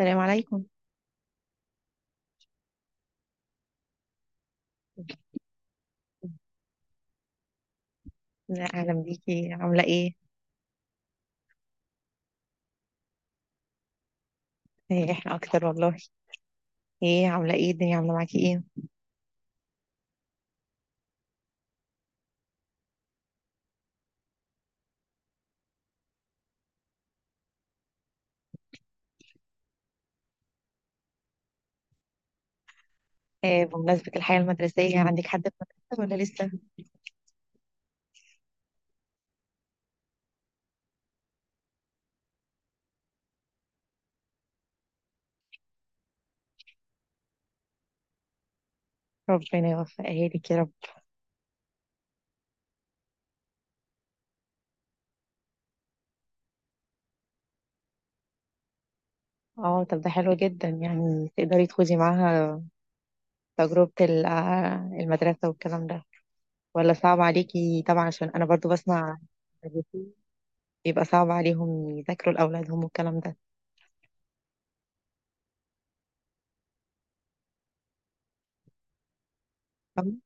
السلام عليكم. لا، اهلا بيكي، عامله ايه؟ احنا اكتر والله. ايه عامله ايه، الدنيا عامله معاكي ايه؟ بمناسبة الحياة المدرسية، عندك حد في المدرسة ولا لسه؟ ربنا يوفقها لك يا رب. اه، طب ده حلو جدا، يعني تقدري تخوضي معاها تجربة المدرسة والكلام ده، ولا صعب عليكي؟ طبعا عشان أنا برضو بسمع مدرسين بيبقى صعب عليهم يذاكروا لأولادهم والكلام ده، فاهمة؟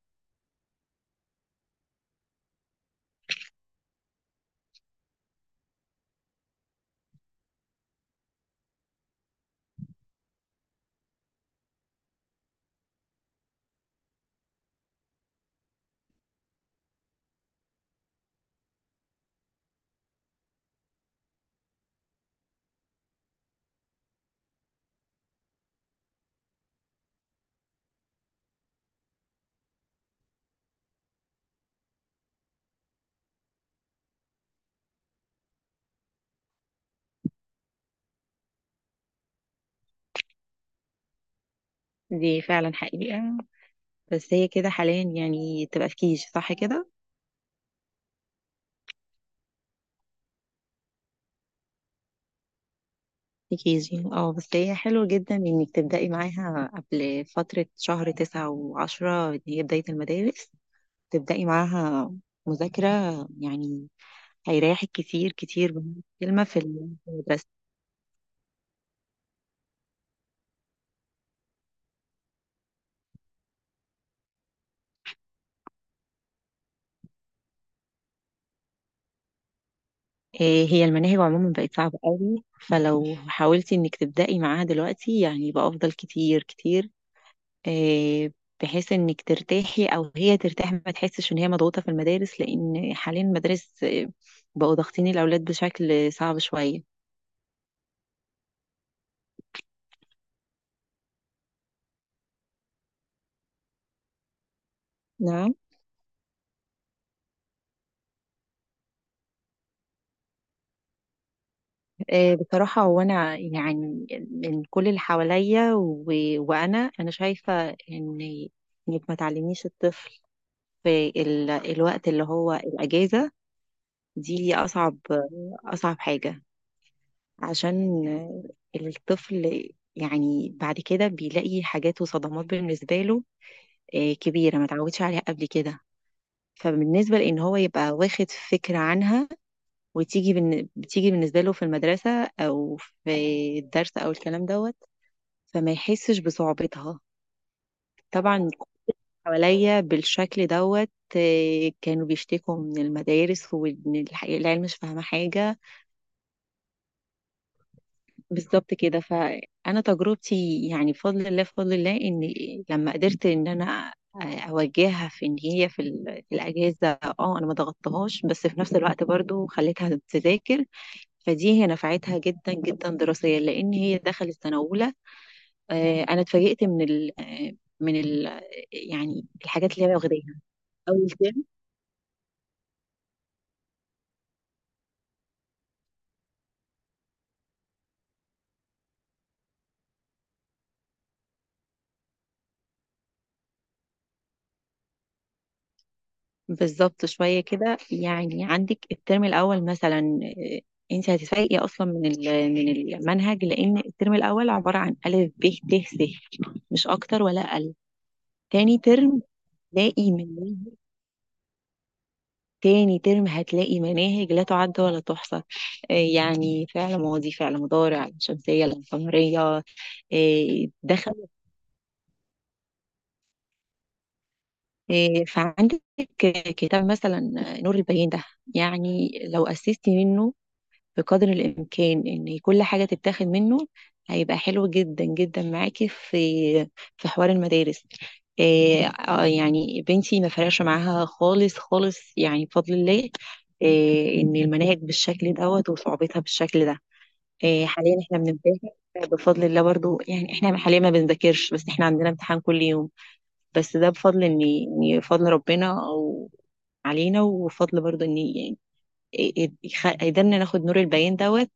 دي فعلا حقيقة، بس هي كده حاليا يعني تبقى في كيجي، صح كده؟ كيجي اه، بس هي حلو جدا انك تبدأي معاها قبل فترة شهر تسعة وعشرة اللي هي بداية المدارس، تبدأي معاها مذاكرة يعني. هيريحك كتير كتير بمعنى كلمة في المدرسة. إيه، هي المناهج عموما بقت صعبة قوي، فلو حاولتي انك تبدأي معاها دلوقتي يعني يبقى افضل كتير كتير. إيه، بحيث انك ترتاحي او هي ترتاح، ما تحسش ان هي مضغوطة في المدارس، لان حاليا المدارس بقوا ضاغطين الاولاد بشكل صعب شوية. نعم. بصراحة هو أنا يعني من كل اللي حواليا وأنا أنا شايفة إن إنك ما تعلميش الطفل في الوقت اللي هو الأجازة، دي أصعب حاجة، عشان الطفل يعني بعد كده بيلاقي حاجات وصدمات بالنسبة له كبيرة ما تعودش عليها قبل كده. فبالنسبة لإن هو يبقى واخد فكرة عنها، بتيجي بالنسبة له في المدرسة، أو في الدرس أو الكلام دوت، فما يحسش بصعوبتها. طبعا حواليا بالشكل دوت كانوا بيشتكوا من المدارس، وإن العيال مش فاهمة حاجة. بالظبط كده. فأنا تجربتي يعني، بفضل الله بفضل الله، إن لما قدرت إن أنا أوجهها في إن هي في في الأجازة، اه أنا ما ضغطتهاش، بس في نفس الوقت برضو خليتها تذاكر، فدي هي نفعتها جدا جدا دراسيا، لان هي دخلت سنه اولى. انا اتفاجئت من ال آه، من ال يعني الحاجات اللي هي واخداها اول ترم. بالظبط شويه كده، يعني عندك الترم الاول مثلا، آه، انت هتتفاجئي اصلا من من المنهج، لان الترم الاول عباره عن الف ب ت س، مش اكتر ولا اقل. تاني ترم تلاقي منهج، تاني ترم هتلاقي مناهج لا تعد ولا تحصى. يعني فعل ماضي، فعل مضارع، علم شمسية، علم قمرية. آه، دخل آه، فعندك كتاب مثلا، نور البيان ده، يعني لو أسستي منه بقدر الإمكان إن كل حاجة تتاخد منه، هيبقى حلو جدا جدا معاكي في في حوار المدارس. إيه آه، يعني بنتي ما فرقش معاها خالص خالص يعني، بفضل الله، إيه إن المناهج بالشكل دوت وصعوبتها بالشكل ده. إيه حاليا احنا بنمتحن، بفضل الله برضو يعني، احنا حاليا ما بنذاكرش، بس احنا عندنا امتحان كل يوم. بس ده بفضل ان إن فضل ربنا او علينا، وفضل برضو ان يعني يقدرنا ناخد نور البيان دوت،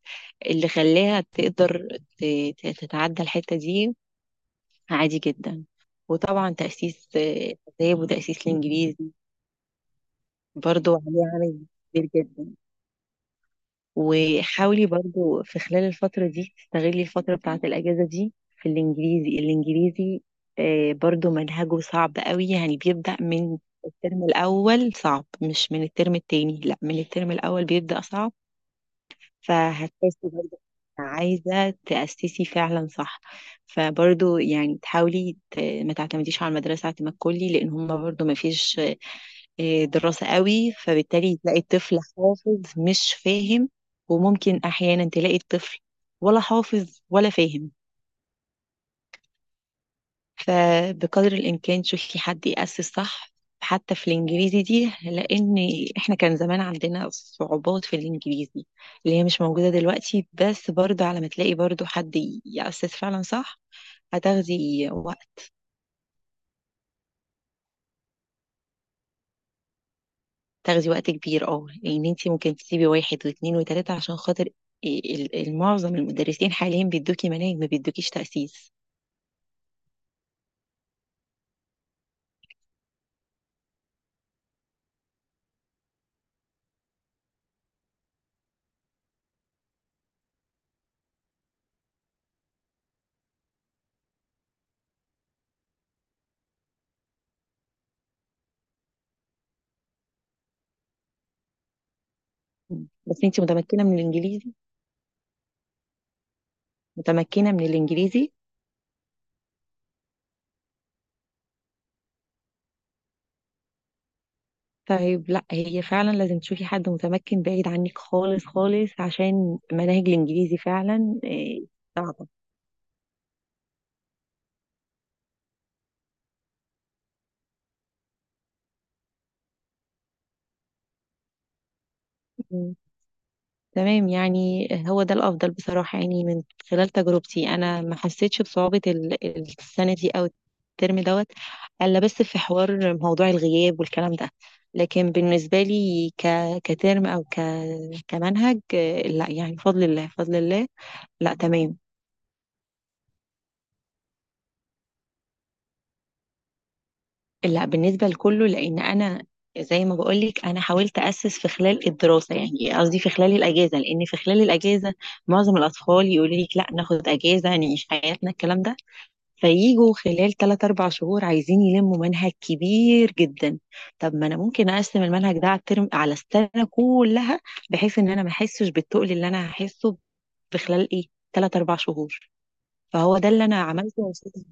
اللي خلاها تقدر ت- تتعدى الحتة دي عادي جدا. وطبعا تأسيس الآداب وتأسيس الإنجليزي برضو عليه عامل كبير جدا. وحاولي برضو في خلال الفترة دي تستغلي الفترة بتاعة الأجازة دي في الإنجليزي. الإنجليزي برضو منهجه صعب قوي، يعني بيبدأ من الترم الأول صعب، مش من الترم التاني، لا من الترم الأول بيبدأ صعب. فهتحسي برضه عايزة تأسسي فعلا صح. فبرضه يعني تحاولي ما تعتمديش على المدرسة اعتماد كلي، لأن هما برضه ما فيش دراسة قوي، فبالتالي تلاقي الطفل حافظ مش فاهم، وممكن أحيانا تلاقي الطفل ولا حافظ ولا فاهم. فبقدر الإمكان شوفي حد يأسس صح، حتى في الإنجليزي دي، لأن إحنا كان زمان عندنا صعوبات في الإنجليزي اللي هي مش موجودة دلوقتي، بس برضه على ما تلاقي برضه حد يأسس فعلا صح هتاخدي وقت. تاخدي وقت كبير اه، لأن انتي ممكن تسيبي واحد واثنين وتلاتة عشان خاطر المعظم المدرسين حاليا بيدوكي مناهج، ما بيدوكيش تأسيس. بس انتي متمكنة من الإنجليزي؟ متمكنة من الإنجليزي؟ طيب لا، هي فعلا لازم تشوفي حد متمكن بعيد عنك خالص خالص، عشان مناهج الانجليزي فعلا صعبة. م. تمام، يعني هو ده الافضل بصراحة، يعني من خلال تجربتي انا ما حسيتش بصعوبة السنة دي او الترم دوت، الا بس في حوار موضوع الغياب والكلام ده. لكن بالنسبة لي كترم، او كمنهج، لا يعني بفضل الله بفضل الله، لا تمام. لا بالنسبة لكله، لأن أنا زي ما بقولك أنا حاولت أسس في خلال الدراسة، يعني قصدي في خلال الأجازة، لأن في خلال الأجازة معظم الأطفال يقولوا لك لا ناخد أجازة نعيش حياتنا الكلام ده، فييجوا خلال 3 4 شهور عايزين يلموا منهج كبير جدا. طب ما أنا ممكن أقسم المنهج ده على الترم، على السنة كلها، بحيث إن أنا ما أحسش بالتقل اللي أنا هحسه في خلال 3 4 شهور. فهو ده اللي أنا عملته يا أستاذ.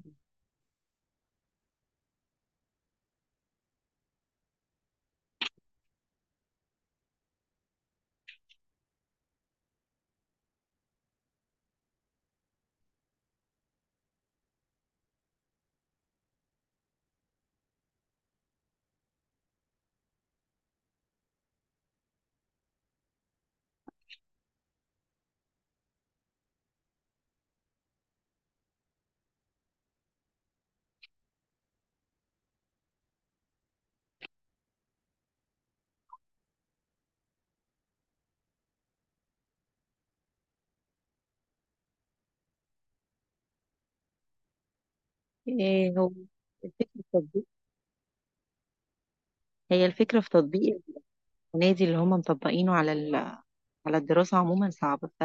هو الفكرة في تطبيق، هي الفكرة في تطبيق ونادي اللي هم مطبقينه على على الدراسة عموما صعب. ف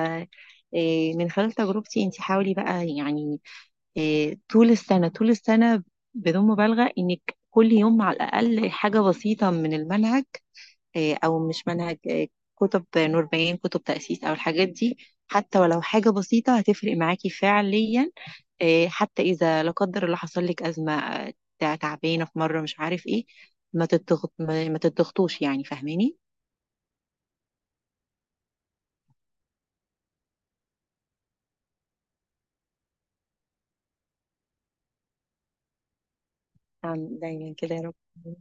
من خلال تجربتي انت حاولي بقى يعني طول السنة، طول السنة بدون مبالغة، انك كل يوم على الأقل حاجة بسيطة من المنهج، أو مش منهج، كتب نور بيان، كتب تأسيس، أو الحاجات دي. حتى ولو حاجة بسيطة هتفرق معاكي فعليا. حتى إذا لا قدر الله حصل لك أزمة، تعبانة في مرة مش عارف إيه، ما تتضغط، ما تتضغطوش يعني، فاهماني؟ نعم، دايما كده يا رب.